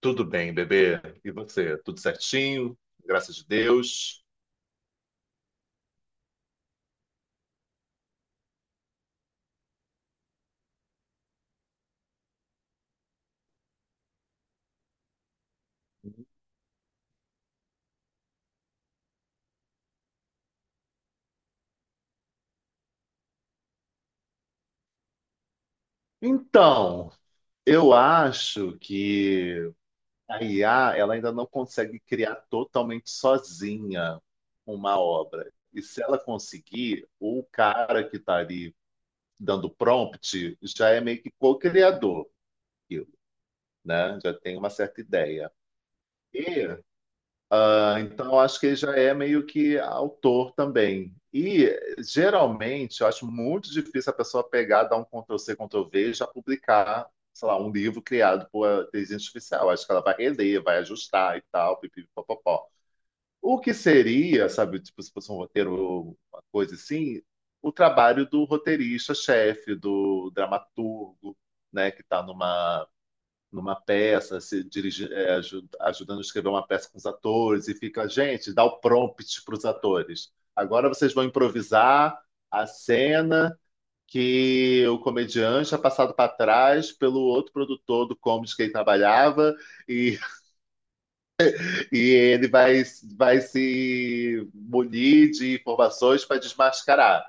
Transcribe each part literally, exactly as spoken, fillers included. Tudo bem, bebê? E você? Tudo certinho? Graças a Deus. Então, eu acho que a I A ela ainda não consegue criar totalmente sozinha uma obra. E se ela conseguir, o cara que está ali dando prompt já é meio que co-criador, daquilo, né? Já tem uma certa ideia. Ah, então, acho que ele já é meio que autor também. E, geralmente, eu acho muito difícil a pessoa pegar, dar um Ctrl+C, Ctrl+V e já publicar, sei lá, um livro criado por inteligência artificial. Acho que ela vai reler, vai ajustar e tal, pipi, popopó. O que seria, sabe, tipo, se fosse um roteiro, ou uma coisa assim, o trabalho do roteirista-chefe, do dramaturgo, né, que está numa peça, se dirige, é, aju- ajudando a escrever uma peça com os atores, e fica, gente, dá o prompt para os atores. Agora vocês vão improvisar a cena que o comediante é passado para trás pelo outro produtor do comedy que ele trabalhava, e, e ele vai, vai se munir de informações para desmascarar.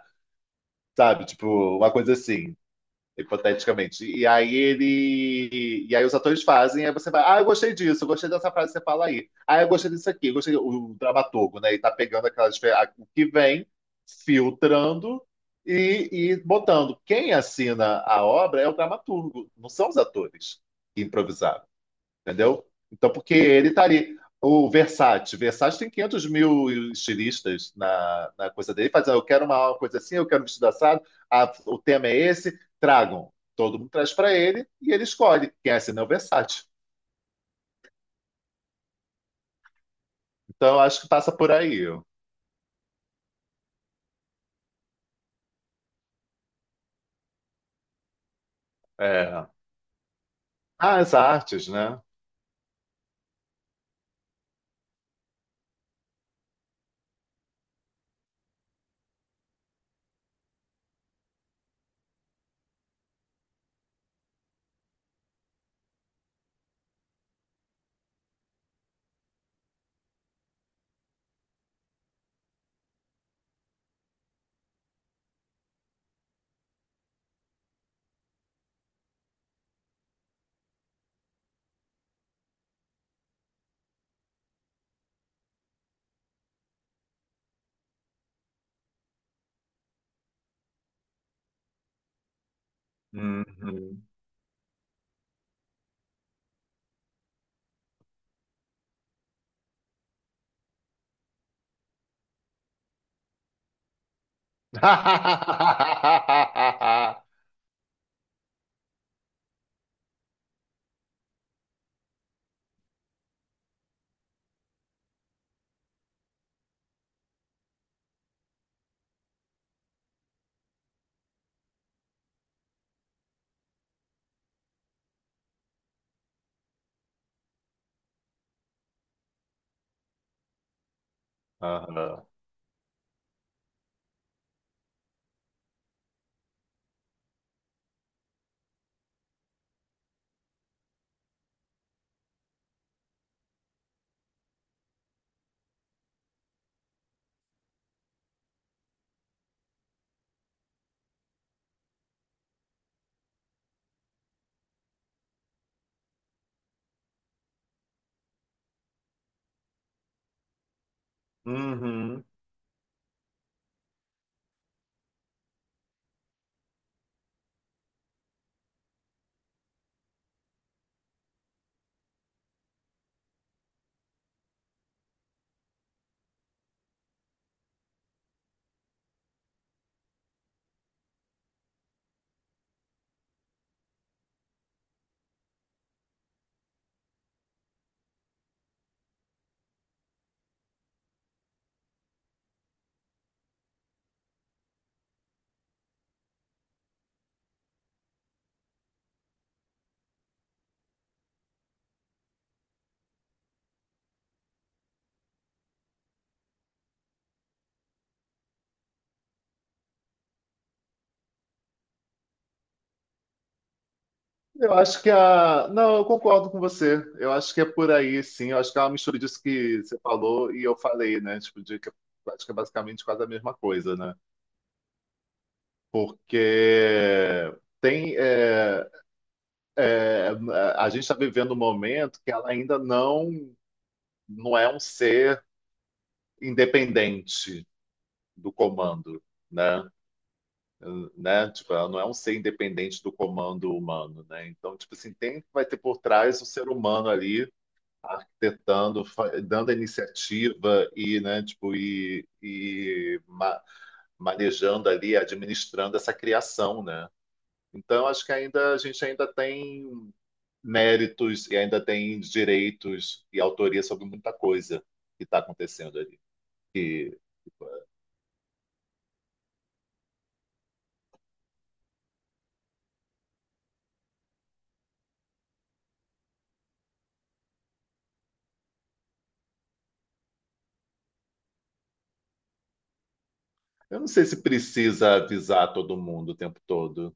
Sabe, tipo, uma coisa assim, hipoteticamente. E aí ele. E aí os atores fazem. Aí você vai, ah, eu gostei disso, eu gostei dessa frase que você fala aí. Ah, eu gostei disso aqui, eu gostei. O dramaturgo, né? E tá pegando aquelas o que vem, filtrando e, e botando. Quem assina a obra é o dramaturgo, não são os atores que improvisaram, entendeu? Então, porque ele tá ali. O Versace, Versace tem quinhentos mil estilistas na, na coisa dele, fazendo: eu quero uma coisa assim, eu quero um vestido assado, ah, o tema é esse, tragam. Todo mundo traz para ele e ele escolhe. Quem assina é o Versace. Então, eu acho que passa por aí. Ó. É. Ah, as artes, né? Uhum. Aham. Uhum. Eu acho que a. Não, eu concordo com você. Eu acho que é por aí, sim. Eu acho que é uma mistura disso que você falou e eu falei, né? Tipo, de que eu acho que é basicamente quase a mesma coisa, né? Porque tem. É, é, A gente está vivendo um momento que ela ainda não, não é um ser independente do comando. Né? Né? Tipo, ela não é um ser independente do comando humano, né? Então, tipo assim, tem vai ter por trás o ser humano ali arquitetando, fa- dando a iniciativa e, né, tipo, e, e ma- manejando ali, administrando essa criação, né? Então, acho que ainda a gente ainda tem méritos e ainda tem direitos e autoria sobre muita coisa que está acontecendo ali. E eu não sei se precisa avisar todo mundo o tempo todo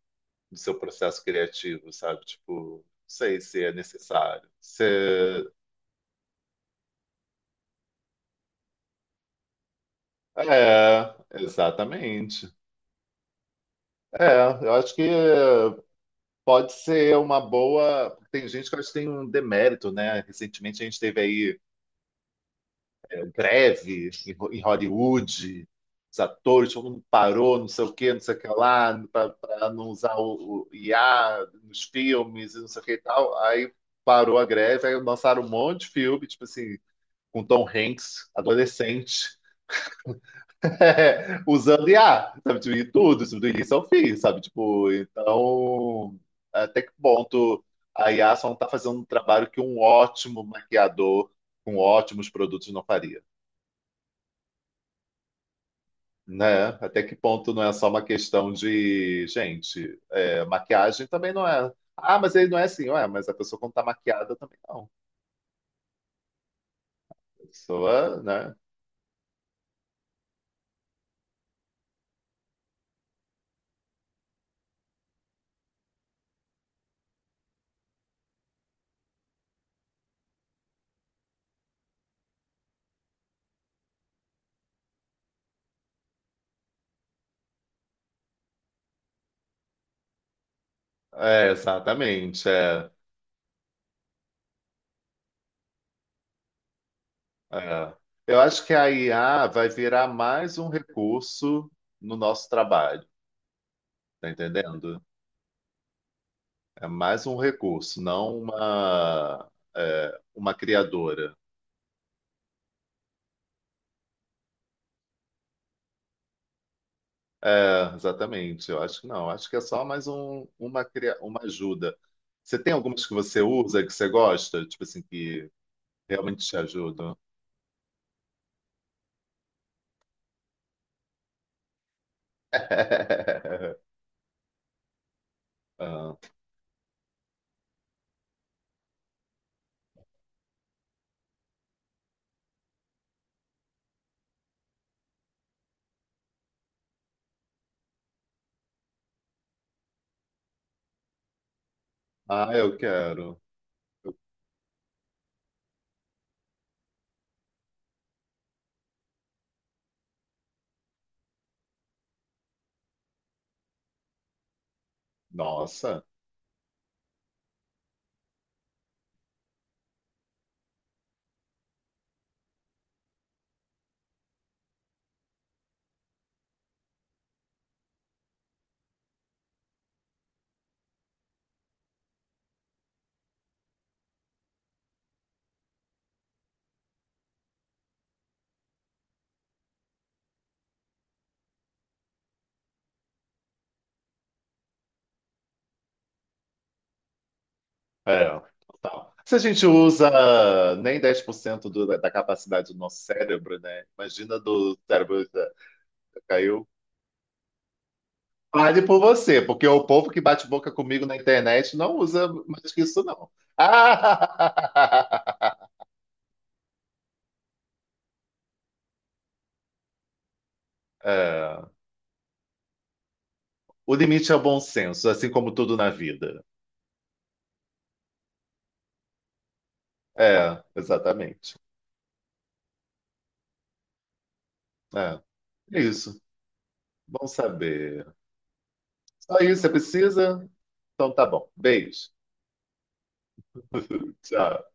do seu processo criativo, sabe? Tipo, não sei se é necessário. Se- É, exatamente. É, eu acho que pode ser uma boa. Tem gente que eu acho que tem um demérito, né? Recentemente a gente teve aí greve em Ho- em Hollywood, os atores, todo mundo parou, não sei o quê, não sei o que lá, para não usar o, o I A nos filmes e não sei o que e tal. Aí parou a greve, aí lançaram um monte de filme, tipo assim, com Tom Hanks, adolescente. É, usando I A, sabe? Tipo, e tudo, isso do início ao fim, sabe? Tipo, então, até que ponto a I A só não tá fazendo um trabalho que um ótimo maquiador com ótimos produtos não faria, né? Até que ponto não é só uma questão de, gente, é, maquiagem também não é. Ah, mas ele não é assim, ué, mas a pessoa quando tá maquiada também não. A pessoa, né? É, exatamente. É. É. Eu acho que a I A vai virar mais um recurso no nosso trabalho, tá entendendo? É mais um recurso, não uma, é, uma criadora. É, exatamente, eu acho que não. Acho que é só mais um, uma, cria- uma ajuda. Você tem algumas que você usa, que você gosta? Tipo assim, que realmente te ajudam? Ah, eu quero. Nossa. É, total. Se a gente usa nem dez por cento do, da capacidade do nosso cérebro, né? Imagina do cérebro da- Caiu. Fale por você, porque o povo que bate boca comigo na internet não usa mais que isso, não. Ah! É, o limite é o bom senso, assim como tudo na vida. É, exatamente. É, é isso. Bom saber. Só isso você precisa? Então tá bom. Beijo. Tchau.